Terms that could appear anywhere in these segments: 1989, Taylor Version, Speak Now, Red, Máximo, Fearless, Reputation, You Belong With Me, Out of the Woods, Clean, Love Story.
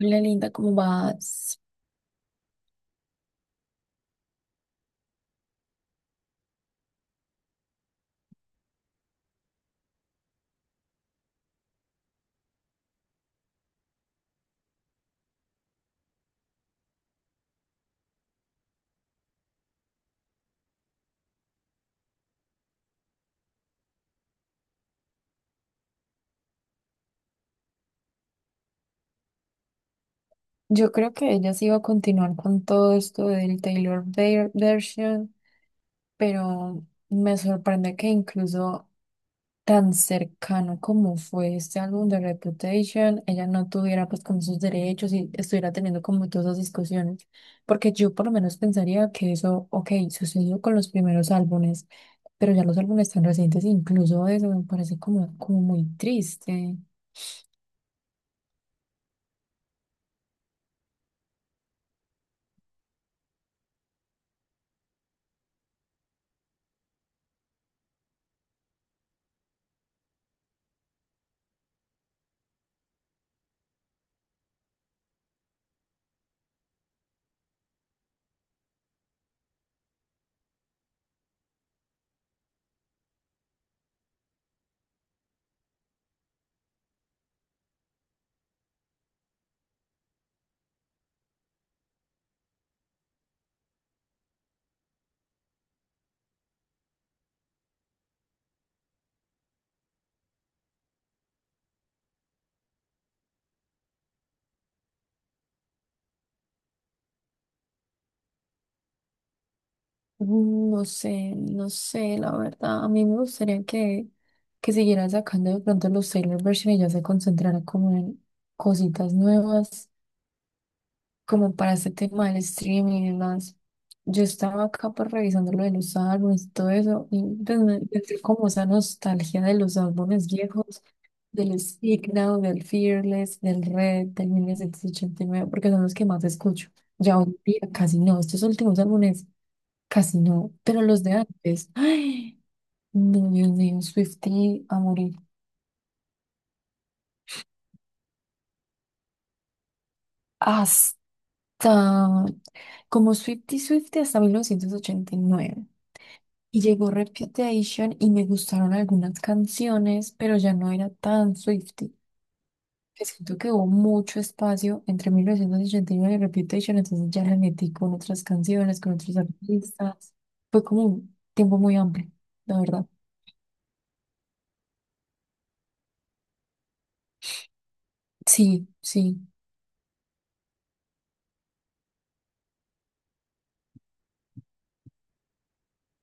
Hola Linda, ¿cómo vas? Yo creo que ella sí iba a continuar con todo esto del version, pero me sorprende que incluso tan cercano como fue este álbum de Reputation, ella no tuviera pues como sus derechos y estuviera teniendo como todas esas discusiones, porque yo por lo menos pensaría que eso, ok, sucedió con los primeros álbumes, pero ya los álbumes tan recientes, incluso eso me parece como muy triste. No sé, no sé, la verdad. A mí me gustaría que siguieran sacando de pronto los Taylor Version y ya se concentrara como en cositas nuevas, como para este tema del streaming y demás. Yo estaba acá pues revisando lo de los álbumes y todo eso, y pues me entré como esa nostalgia de los álbumes viejos, del Speak Now, del Fearless, del Red, del 1989 porque son los que más escucho. Ya hoy en día casi no, estos últimos álbumes. Casi no, pero los de antes. Ay, no, Dios mío, Swiftie a morir. Hasta, como Swiftie hasta 1989 y llegó Reputation y me gustaron algunas canciones, pero ya no era tan Swiftie. Que Siento que hubo mucho espacio entre 1989 y nueve y Reputation, entonces ya la metí con otras canciones, con otros artistas. Fue como un tiempo muy amplio, la verdad. Sí, sí.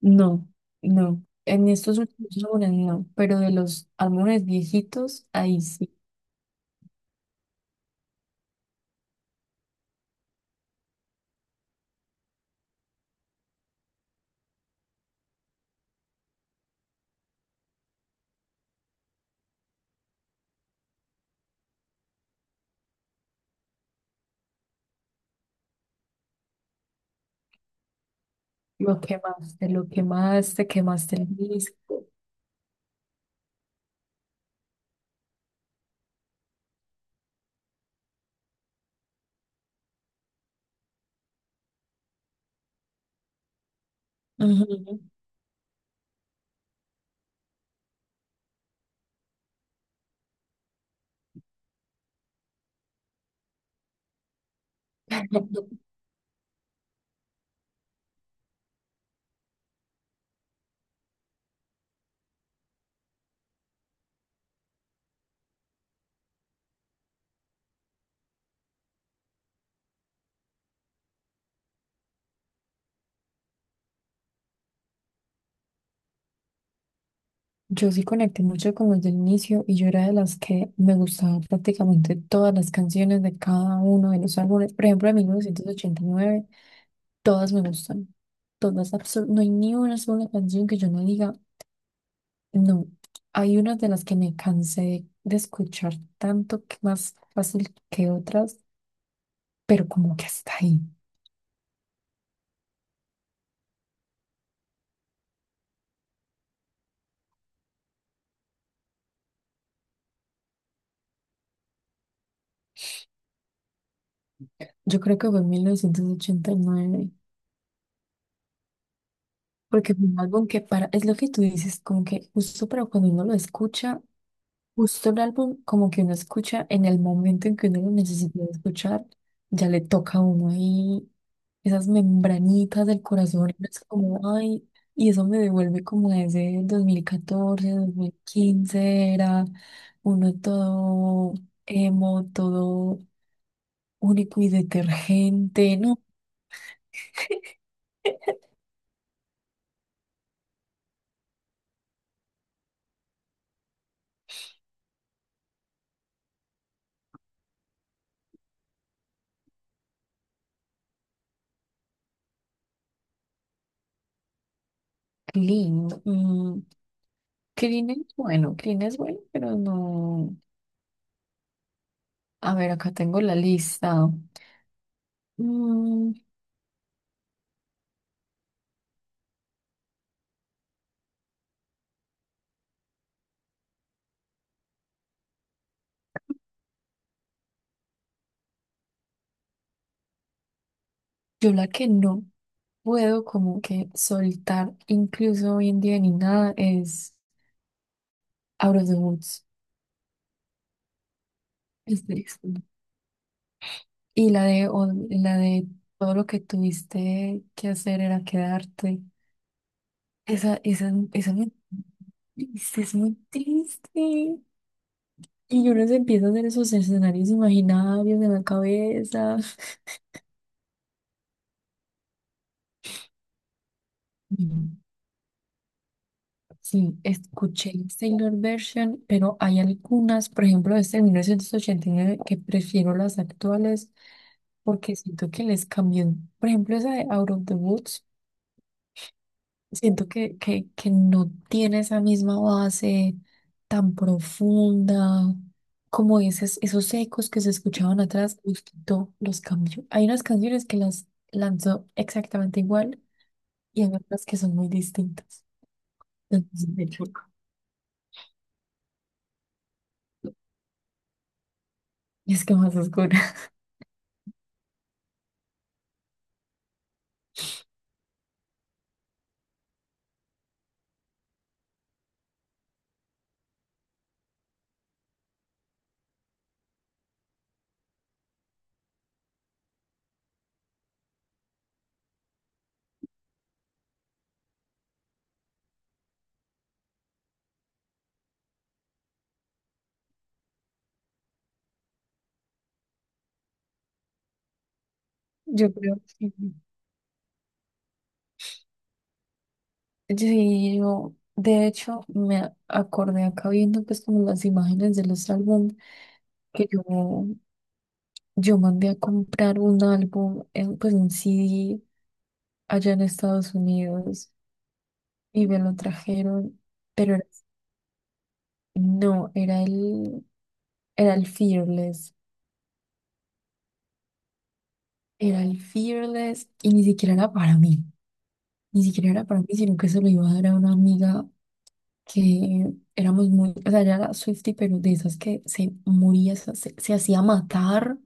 No, no. En estos últimos álbumes no, pero de los álbumes viejitos, ahí sí. Lo quemaste, quemaste el disco. Ujú. Yo sí conecté mucho con los del inicio y yo era de las que me gustaba prácticamente todas las canciones de cada uno de los álbumes. Por ejemplo, de 1989 todas me gustan. Todas, no hay ni una sola canción que yo no diga, no. Hay unas de las que me cansé de escuchar tanto que más fácil que otras, pero como que hasta ahí. Yo creo que fue en 1989 porque fue un álbum que para, es lo que tú dices, como que justo para cuando uno lo escucha, justo el álbum, como que uno escucha en el momento en que uno lo necesita escuchar, ya le toca a uno ahí esas membranitas del corazón. Y uno es como, ay, y eso me devuelve como a ese 2014, 2015, era uno todo emo, todo único y detergente, ¿no? Qué lindo. Clean es bueno, pero no. A ver, acá tengo la lista. Mm, yo la que no puedo como que soltar, incluso hoy en día ni nada, es Out of the Woods. Este, Y la de, la de todo lo que tuviste que hacer era quedarte. Esa, es muy triste. Y uno se empieza a hacer esos escenarios imaginarios en la cabeza. Mm, Sí, escuché Taylor Version, pero hay algunas, por ejemplo, desde 1989 que prefiero las actuales porque siento que les cambió, por ejemplo, esa de Out of the Woods, siento que no tiene esa misma base tan profunda, como esos, esos ecos que se escuchaban atrás, los quitó, los cambió. Hay unas canciones que las lanzó exactamente igual y hay otras que son muy distintas. Entonces, de hecho, es que más oscura, yo creo que... sí, yo, de hecho, me acordé acá viendo pues como las imágenes de los álbumes que yo mandé a comprar un álbum, pues un CD allá en Estados Unidos y me lo trajeron, pero no, era era el Fearless, era el Fearless y ni siquiera era para mí, ni siquiera era para mí, sino que se lo iba a dar a una amiga que éramos muy, o sea, ella era Swiftie, pero de esas que se moría, se hacía matar.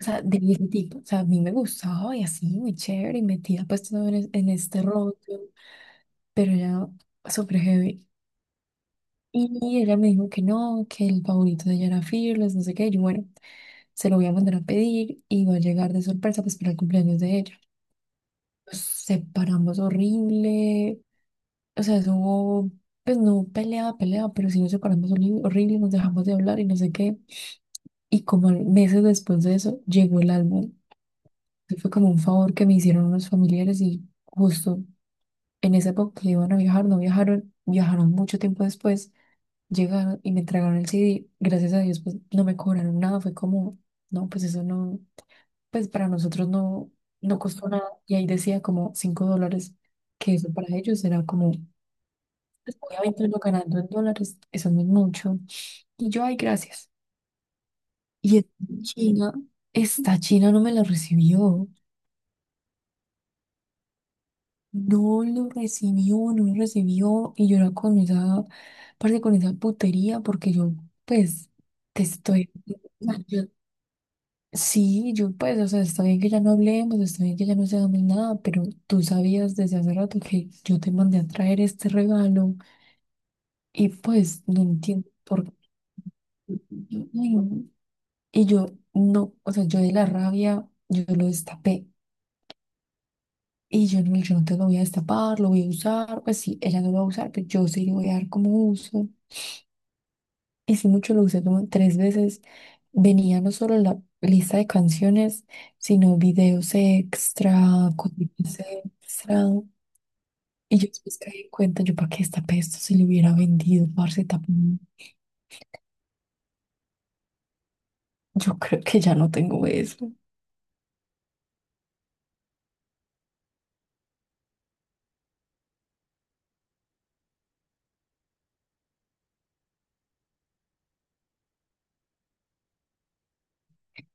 O sea, de ese tipo, o sea, a mí me gustaba y así, muy chévere, y metida pues todo en este rollo. Pero ella súper heavy. Y ella me dijo que no, que el favorito de ella era Fearless, no sé qué. Y yo, bueno, se lo voy a mandar a pedir y va a llegar de sorpresa pues para el cumpleaños de ella. Nos separamos horrible, o sea, eso hubo, pues no pelea pelea pero sí nos separamos horrible, nos dejamos de hablar y no sé qué. Y como meses después de eso, llegó el álbum. Y fue como un favor que me hicieron unos familiares y justo en esa época que iban a viajar, no viajaron, viajaron mucho tiempo después. Llegaron y me entregaron el CD. Gracias a Dios, pues no me cobraron nada. Fue como, no, pues eso no, pues para nosotros no, no costó nada. Y ahí decía como $5, que eso para ellos era como, pues, obviamente uno ganando en dólares, eso no es mucho. Y yo, ay, gracias. Y China, esta China no me la recibió. No lo recibió, no lo recibió. Y yo era con esa, parte con esa putería, porque yo, pues, te estoy. Sí, yo pues, o sea, está bien que ya no hablemos, está bien que ya no seamos nada, pero tú sabías desde hace rato que yo te mandé a traer este regalo y pues no entiendo por qué. Ay, no. Y yo no, o sea, yo de la rabia, yo lo destapé y yo no, yo no te lo voy a destapar, lo voy a usar, pues sí, ella no lo va a usar, pero yo sí le voy a dar como uso. Y sí, mucho lo usé como tres veces. Venía no solo la lista de canciones, sino videos extra, cositas extra. Y yo después caí en cuenta, yo para qué esta esto, si le hubiera vendido, parce, también. Yo creo que ya no tengo eso.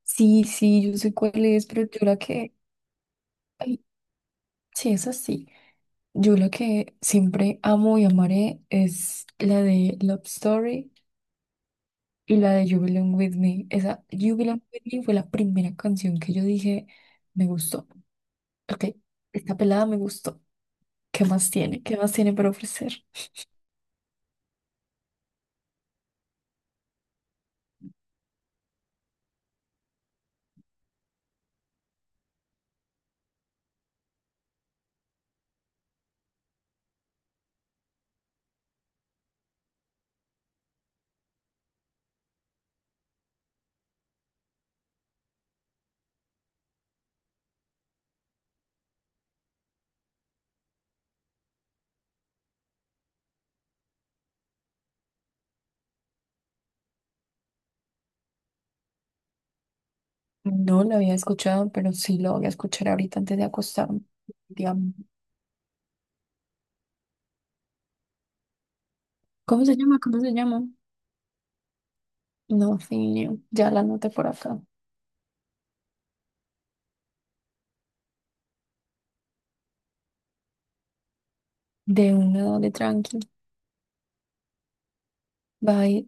Sí, sí, yo sé cuál es, pero yo la que... ay, sí, es así. Yo la que siempre amo y amaré es la de Love Story. Y la de You Belong With Me, esa You Belong With Me fue la primera canción que yo dije, me gustó. Ok, esta pelada me gustó. ¿Qué más tiene? ¿Qué más tiene para ofrecer? No la había escuchado, pero sí la voy a escuchar ahorita antes de acostarme. Digamos, ¿cómo se llama? ¿Cómo se llama? No, sí, ya la anoté por acá. De una, de tranqui. Bye.